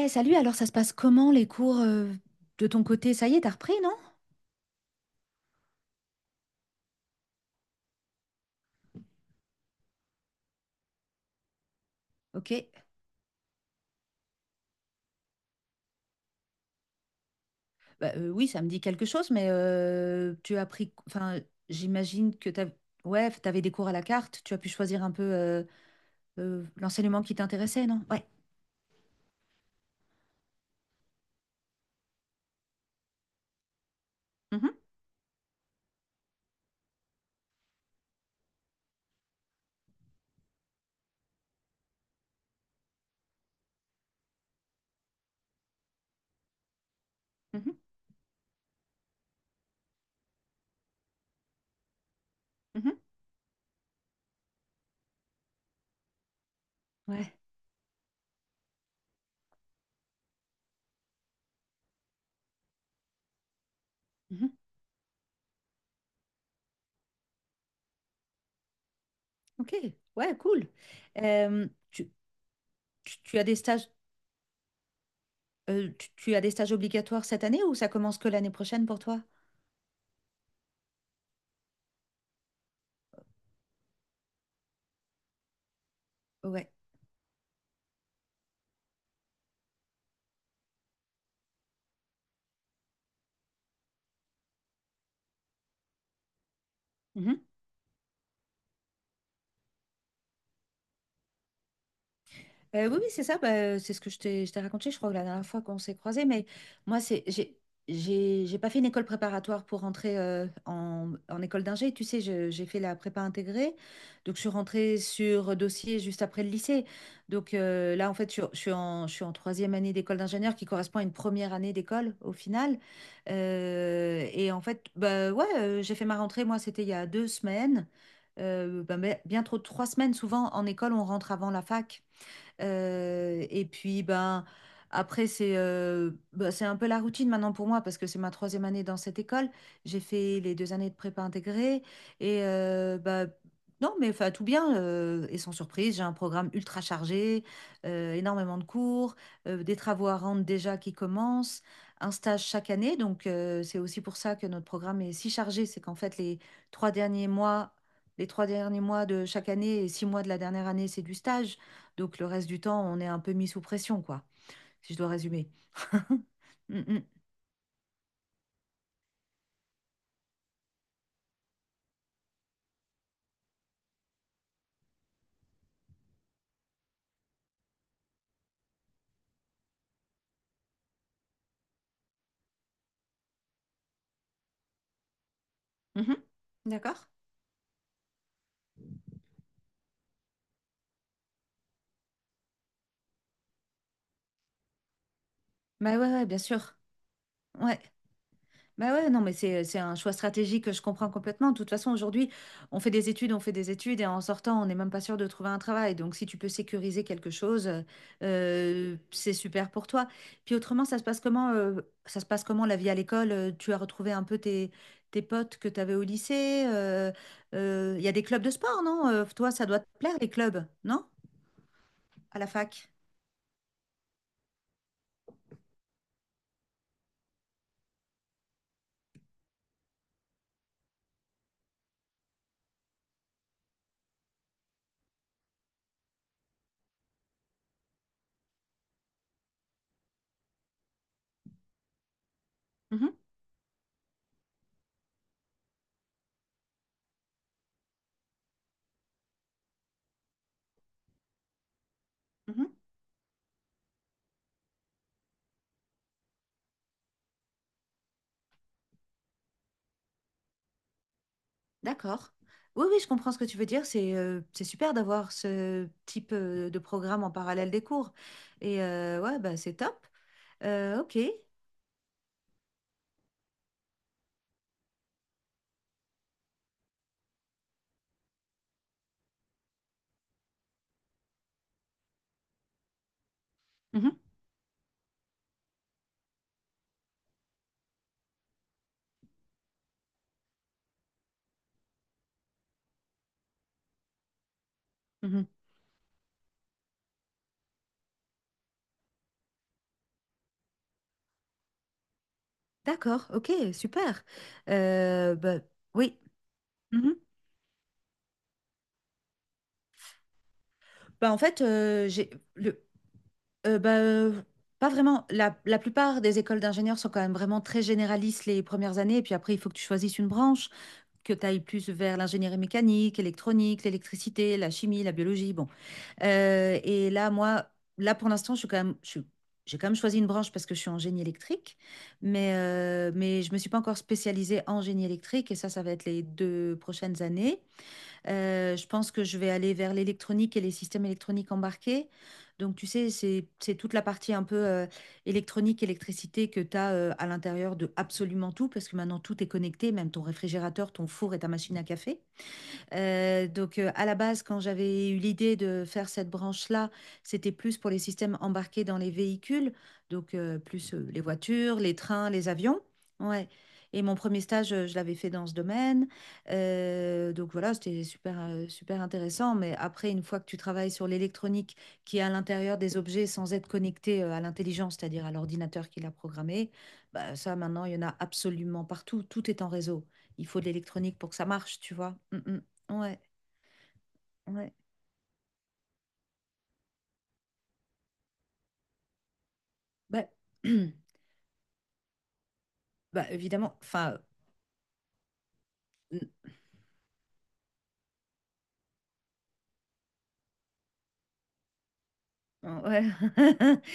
Salut, alors ça se passe comment les cours de ton côté? Ça y est, t'as repris, non? Ok. Oui, ça me dit quelque chose, mais tu as pris... Enfin, j'imagine que t'as... Ouais, t'avais des cours à la carte, tu as pu choisir un peu l'enseignement qui t'intéressait, non? Ouais. Mhm, mhm, mhm. Ouais. Mhm. Ok. Ouais, cool. Euh, tu, tu as des stages, tu as des stages obligatoires cette année ou ça commence que l'année prochaine pour toi? Ouais. Oui, oui, c'est ça, c'est ce que je t'ai raconté, je crois, la dernière fois qu'on s'est croisés, mais moi, c'est, j'ai pas fait une école préparatoire pour rentrer en école d'ingé, tu sais, j'ai fait la prépa intégrée, donc je suis rentrée sur dossier juste après le lycée, donc là, en fait, je suis je suis en troisième année d'école d'ingénieur qui correspond à une première année d'école, au final. Et en fait, j'ai fait ma rentrée, moi, c'était il y a deux semaines. Mais bien trop, de trois semaines, souvent, en école, on rentre avant la fac. Et puis, après, c'est ben, c'est un peu la routine maintenant pour moi parce que c'est ma troisième année dans cette école. J'ai fait les deux années de prépa intégrée. Et ben, non, mais enfin, tout bien. Et sans surprise, j'ai un programme ultra chargé, énormément de cours, des travaux à rendre déjà qui commencent, un stage chaque année. Donc, c'est aussi pour ça que notre programme est si chargé. C'est qu'en fait, trois derniers mois, les trois derniers mois de chaque année et six mois de la dernière année, c'est du stage. Donc le reste du temps, on est un peu mis sous pression, quoi, si je dois résumer. Mm, mm. Mhm. D'accord? Bah ouais, ouais, bien sûr. Ouais. Bah ouais, non, mais c'est un choix stratégique que je comprends complètement. De toute façon, aujourd'hui, on fait des études et en sortant, on n'est même pas sûr de trouver un travail. Donc, si tu peux sécuriser quelque chose, c'est super pour toi. Puis autrement, ça se passe comment la vie à l'école? Tu as retrouvé un peu tes potes que tu avais au lycée? Il y a des clubs de sport, non? Toi, ça doit te plaire, les clubs, non? À la fac. Mhm, mhm. D'accord. Oui, oui, je comprends ce que tu veux dire. C'est super d'avoir ce type de programme en parallèle des cours. Et ouais, bah, c'est top. Ok. Mhm, mhm, d'accord. Ok, super. Bah, oui. Mhm. Bah, en fait, j'ai le euh, bah, euh, pas vraiment. La plupart des écoles d'ingénieurs sont quand même vraiment très généralistes les premières années, et puis après, il faut que tu choisisses une branche, que tu ailles plus vers l'ingénierie mécanique, électronique, l'électricité, la chimie, la biologie. Bon. Et là, moi, là pour l'instant, je suis quand même, je suis- j'ai quand même choisi une branche parce que je suis en génie électrique, mais je me suis pas encore spécialisée en génie électrique et ça va être les deux prochaines années. Je pense que je vais aller vers l'électronique et les systèmes électroniques embarqués. Donc, tu sais, c'est toute la partie un peu électronique, électricité que tu as à l'intérieur de absolument tout, parce que maintenant tout est connecté, même ton réfrigérateur, ton four et ta machine à café. À la base, quand j'avais eu l'idée de faire cette branche-là, c'était plus pour les systèmes embarqués dans les véhicules, donc plus les voitures, les trains, les avions. Ouais. Et mon premier stage, je l'avais fait dans ce domaine. Donc voilà, c'était super, super intéressant. Mais après, une fois que tu travailles sur l'électronique qui est à l'intérieur des objets sans être connecté à l'intelligence, c'est-à-dire à l'ordinateur qui l'a programmé, bah, ça, maintenant, il y en a absolument partout. Tout est en réseau. Il faut de l'électronique pour que ça marche, tu vois. Mm, mm. Ouais, ouais. Bah, bah évidemment, enfin, ouais.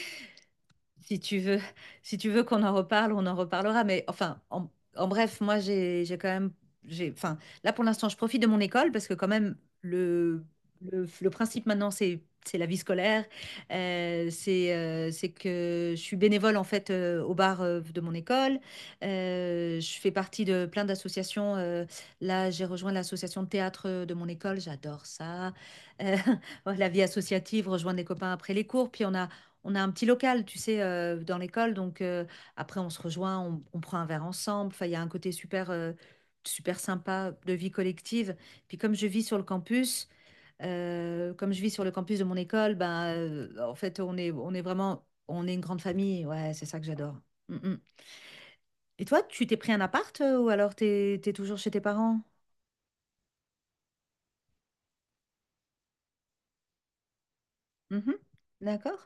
Si tu veux, si tu veux qu'on en reparle, on en reparlera. Mais enfin, en bref, moi, j'ai quand même, j'ai, enfin, là pour l'instant, je profite de mon école parce que quand même, le, le principe maintenant, c'est la vie scolaire. C'est que je suis bénévole en fait au bar de mon école. Je fais partie de plein d'associations. Là, j'ai rejoint l'association de théâtre de mon école. J'adore ça. Euh, la vie associative, rejoindre des copains après les cours. Puis on a un petit local, tu sais, dans l'école, donc après on se rejoint, on prend un verre ensemble. Enfin, il y a un côté super, super sympa de vie collective. Puis comme je vis sur le campus de mon école, en fait on est vraiment, on est une grande famille. Ouais, c'est ça que j'adore. Mm, mm. Et toi, tu t'es pris un appart ou alors t'es toujours chez tes parents? Mhm. D'accord,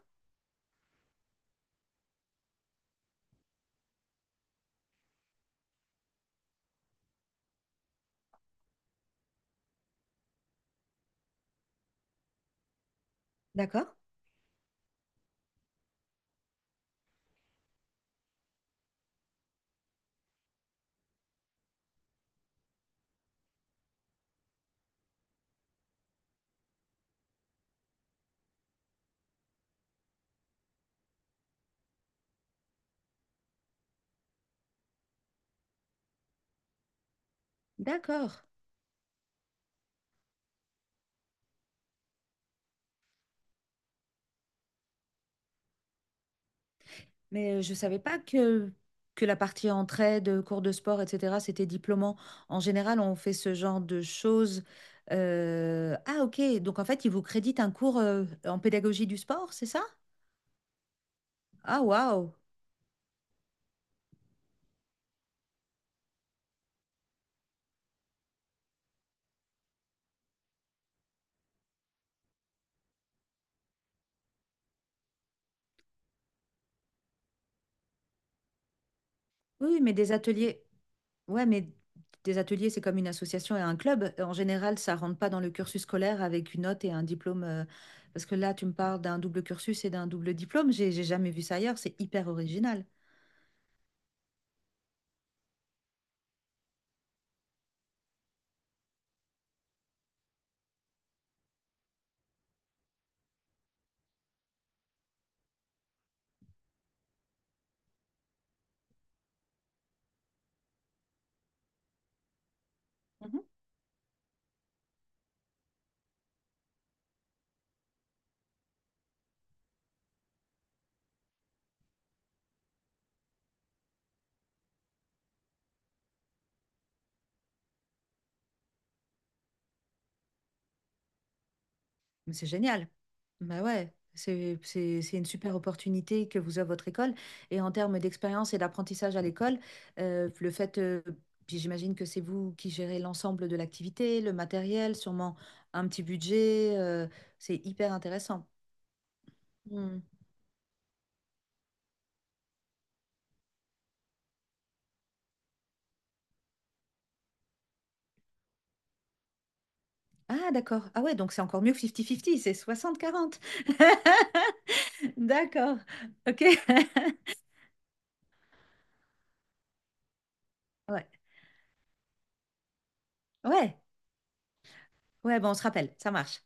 d'accord, d'accord. Mais je ne savais pas que, que la partie entraide, cours de sport, etc., c'était diplômant. En général, on fait ce genre de choses. Ah, ok. Donc, en fait, ils vous créditent un cours en pédagogie du sport, c'est ça? Ah, waouh. Oui, oui, mais des ateliers. Ouais, mais des ateliers, c'est comme une association et un club. En général, ça rentre pas dans le cursus scolaire avec une note et un diplôme. Parce que là, tu me parles d'un double cursus et d'un double diplôme. J'ai jamais vu ça ailleurs. C'est hyper original. Mais c'est génial. Bah ouais, c'est une super opportunité que vous avez votre école. Et en termes d'expérience et d'apprentissage à l'école, euh, le fait, euh, puis j'imagine que c'est vous qui gérez l'ensemble de l'activité, le matériel, sûrement un petit budget, c'est hyper intéressant. Hmm. Ah d'accord. Ah ouais, donc c'est encore mieux que 50-50, c'est soixante-quarante. D'accord. Ok. Ouais. Ouais. Ouais, bon, on se rappelle, ça marche.